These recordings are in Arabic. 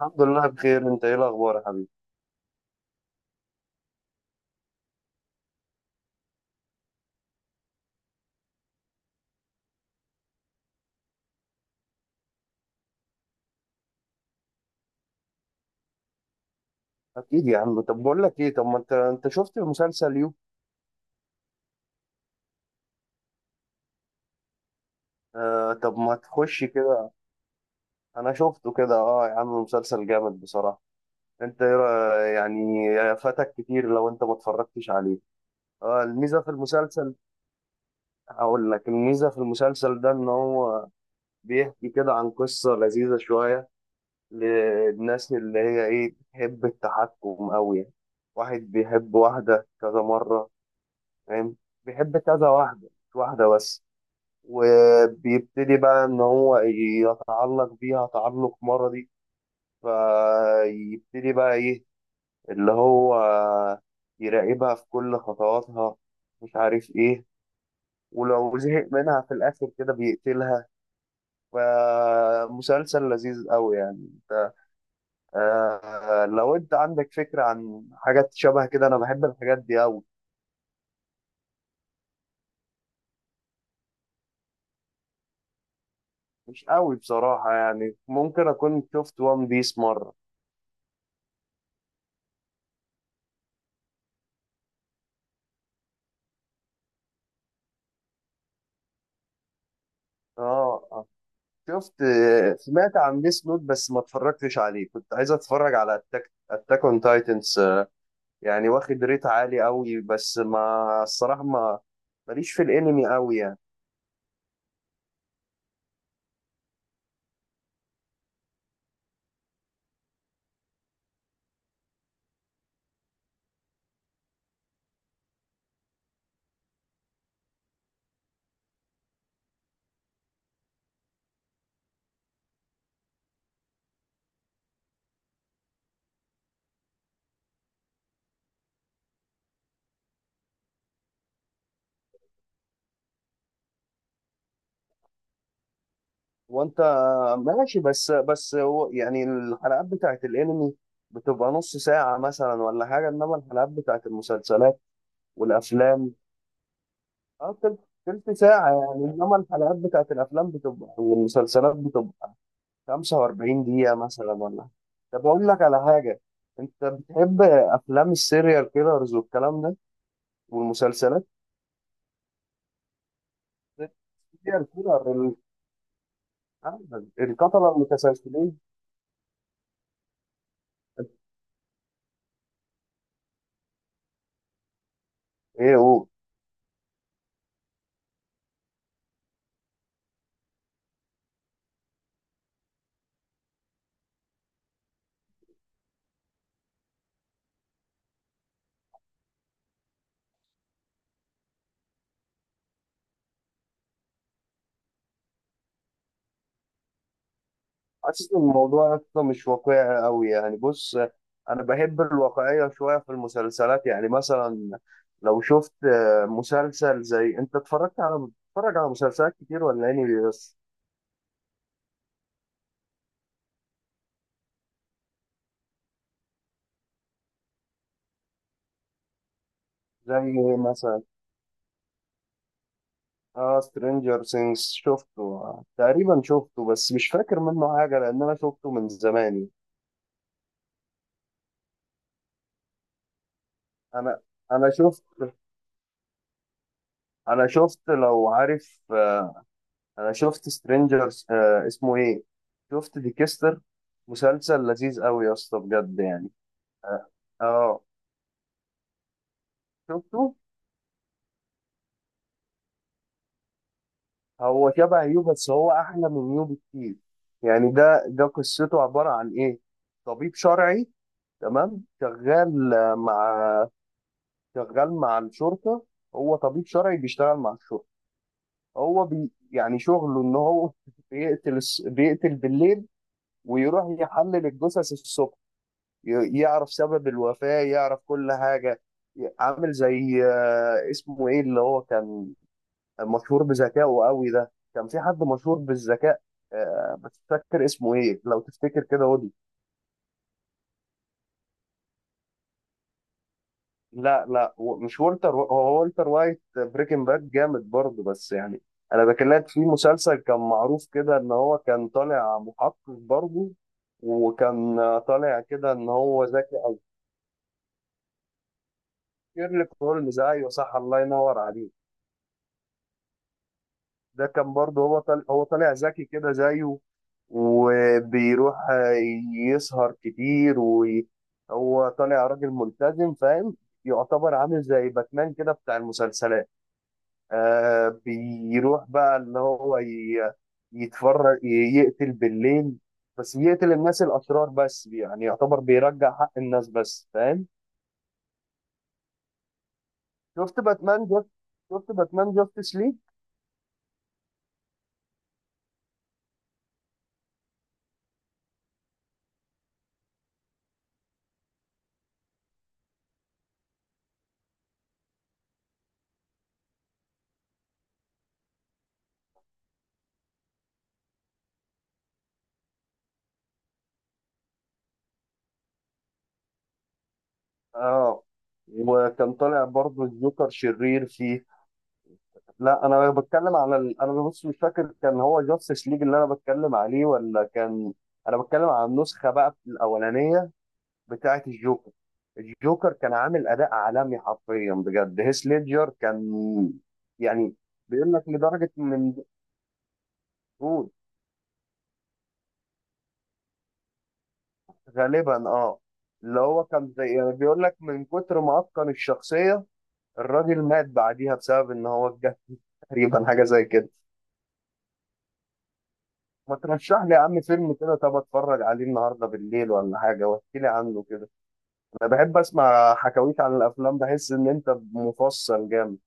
الحمد لله بخير، انت ايه الاخبار يا حبيبي؟ اكيد يا عم. طب بقول لك ايه، طب ما انت شفت مسلسل يو؟ آه، طب ما تخش كده. انا شفته كده، اه يا عم، مسلسل جامد بصراحه. انت ايه يعني فاتك كتير لو انت ما اتفرجتش عليه. آه الميزه في المسلسل هقول لك الميزه في المسلسل ده ان هو بيحكي كده عن قصه لذيذه شويه للناس اللي هي ايه بتحب التحكم قوي يعني. واحد بيحب واحده كذا مره، فاهم؟ بيحب كذا واحده مش واحده بس، وبيبتدي بقى ان هو يتعلق بيها تعلق مرضي، فيبتدي بقى ايه اللي هو يراقبها في كل خطواتها، مش عارف ايه، ولو زهق منها في الاخر كده بيقتلها. فمسلسل لذيذ قوي يعني. انت آه لو انت عندك فكرة عن حاجات شبه كده، انا بحب الحاجات دي قوي. مش قوي بصراحة يعني، ممكن اكون شفت وان بيس مرة. اه، آه. شفت، سمعت عن ديس نوت بس ما اتفرجتش عليه، كنت عايز اتفرج على اتاك اون تايتنز، يعني واخد ريت عالي قوي، بس ما الصراحه ما ماليش في الانمي قوي يعني. وانت ماشي، بس هو يعني الحلقات بتاعت الانمي بتبقى نص ساعة مثلا ولا حاجة، انما الحلقات بتاعت المسلسلات والافلام، اه تلت ساعة يعني، انما الحلقات بتاعت الافلام بتبقى والمسلسلات بتبقى 45 دقيقة مثلا ولا. طب أقول لك على حاجة، أنت بتحب أفلام السيريال كيلرز والكلام ده والمسلسلات؟ السيريال كيلر، آه، القتلة المتسلسلين. إيه هو؟ حاسس إن الموضوع أصلا مش واقعي أوي يعني. بص، أنا بحب الواقعية شوية في المسلسلات يعني، مثلا لو شفت مسلسل زي، أنت اتفرجت على بتتفرج على مسلسلات كتير ولا يعني؟ بس زي مثلا اه سترينجر سينجز شفته، آه، تقريبا شفته بس مش فاكر منه حاجة لأن أنا شفته من زمان. أنا أنا شفت أنا شفت لو عارف، أنا شفت سترينجر، اسمه إيه، شفت ديكستر، مسلسل لذيذ أوي يا اسطى بجد يعني. آه آه، شفته. هو شبه يو بس هو أحلى من يو بكتير. يعني ده قصته عبارة عن إيه؟ طبيب شرعي، تمام، شغال مع الشرطة. هو طبيب شرعي بيشتغل مع الشرطة. هو بي يعني شغله إن هو بيقتل بالليل ويروح يحلل الجثث الصبح. يعرف سبب الوفاة، يعرف كل حاجة. عامل زي اسمه إيه اللي هو كان مشهور بذكائه قوي؟ ده كان في حد مشهور بالذكاء، بس مش فاكر اسمه إيه، لو تفتكر كده. لا لا، مش والتر، هو والتر وايت بريكنج باد جامد برضه بس يعني. انا بكلمك في مسلسل كان معروف كده ان هو كان طالع محقق برضه، وكان طالع كده ان هو ذكي او. شيرلوك هولمز ايوه صح، الله ينور عليك. ده كان برضه هو طالع ذكي كده زيه، وبيروح يسهر كتير وهو طالع راجل ملتزم، فاهم؟ يعتبر عامل زي باتمان كده بتاع المسلسلات. آه، بيروح بقى اللي هو يتفرج، يقتل بالليل، بس بيقتل الناس الأشرار بس يعني، يعتبر بيرجع حق الناس بس، فاهم؟ شفت باتمان جاست شفت باتمان جاستس ليج. اه، وكان طالع برضه الجوكر شرير فيه. لا، انا بتكلم على، انا بص مش فاكر كان هو جاستس ليج اللي انا بتكلم عليه ولا كان. انا بتكلم على النسخة بقى الأولانية بتاعه الجوكر. الجوكر كان عامل اداء عالمي حرفيا بجد، هيث ليدجر كان يعني بيقول لك لدرجه من دول غالبا اه، اللي هو كان زي يعني، بيقول لك من كتر ما اتقن الشخصيه الراجل مات بعديها بسبب ان هو اتجه تقريبا حاجه زي كده. ما ترشح لي يا عم فيلم كده، طب اتفرج عليه النهارده بالليل ولا حاجه، واحكي لي عنه كده. انا بحب اسمع حكاويك عن الافلام، بحس ان انت مفصل جامد.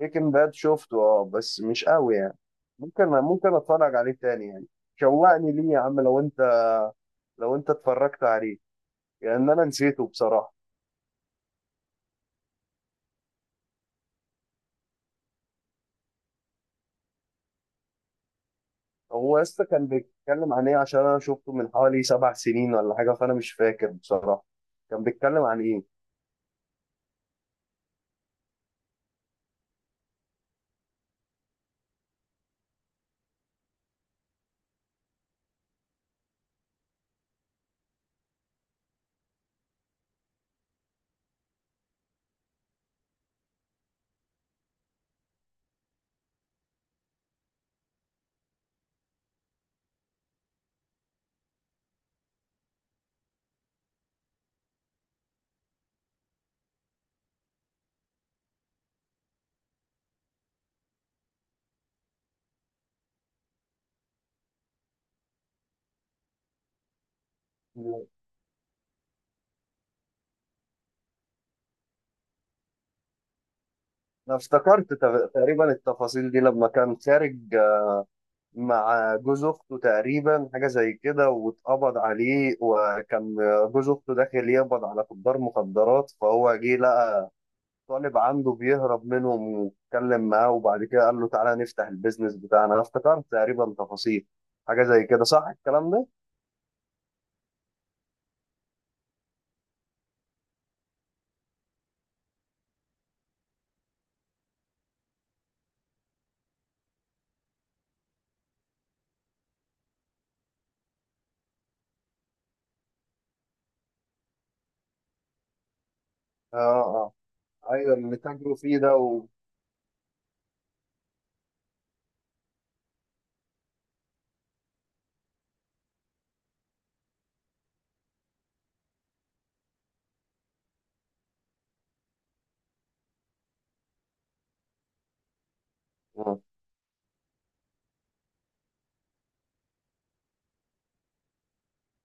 بريكنج باد شفته اه بس مش قوي يعني، ممكن اتفرج عليه تاني يعني. شوقني ليه يا عم، لو انت اتفرجت عليه، لان انا نسيته بصراحه. هو لسه كان بيتكلم عن ايه؟ عشان انا شفته من حوالي 7 سنين ولا حاجه، فانا مش فاكر بصراحه كان بيتكلم عن ايه. انا افتكرت تقريبا التفاصيل دي لما كان خارج مع جوز اخته تقريبا، حاجه زي كده، واتقبض عليه، وكان جوز اخته داخل يقبض على تجار مخدرات، فهو جه لقى طالب عنده بيهرب منهم، واتكلم معاه وبعد كده قال له تعالى نفتح البيزنس بتاعنا. انا افتكرت تقريبا تفاصيل حاجه زي كده، صح الكلام ده؟ اه، اه، ايوه، اللي تاجروا فيه ده آه.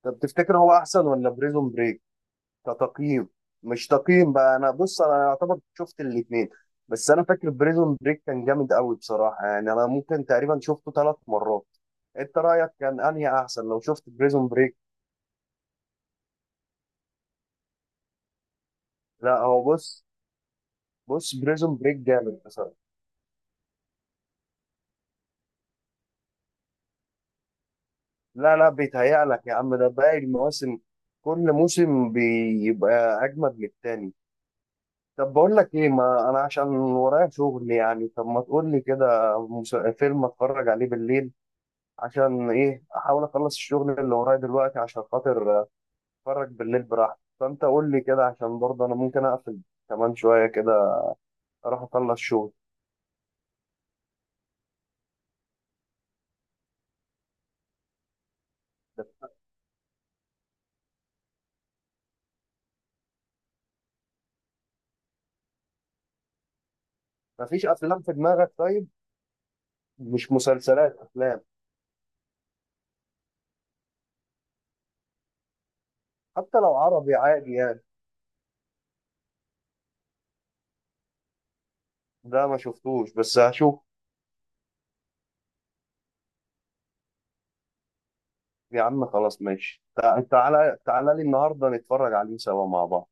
طب تفتكر هو احسن ولا بريزون بريك كتقييم؟ مش تقييم بقى، انا بص انا يعتبر شفت الاثنين، بس انا فاكر بريزون بريك كان جامد قوي بصراحه يعني، انا ممكن تقريبا شفته 3 مرات. انت رايك كان انهي احسن لو شفت بريزون بريك؟ لا، هو بص، بص بريزون بريك جامد بصراحه. لا لا، بيتهيألك يا عم، ده باقي المواسم كل موسم بيبقى أجمد من التاني. طب بقول لك إيه، ما أنا عشان ورايا شغل يعني، طب ما تقول لي كده فيلم أتفرج عليه بالليل، عشان إيه، أحاول أخلص الشغل اللي ورايا دلوقتي عشان خاطر أتفرج بالليل براحتي. فأنت قول لي كده عشان برضه أنا ممكن أقفل كمان شوية كده، أروح أخلص شغل. مفيش أفلام في دماغك طيب؟ مش مسلسلات، أفلام. حتى لو عربي عادي يعني. ده ما شفتوش بس هشوف. يا عم خلاص ماشي، تعالى تعالى لي النهارده نتفرج عليه سوا مع بعض.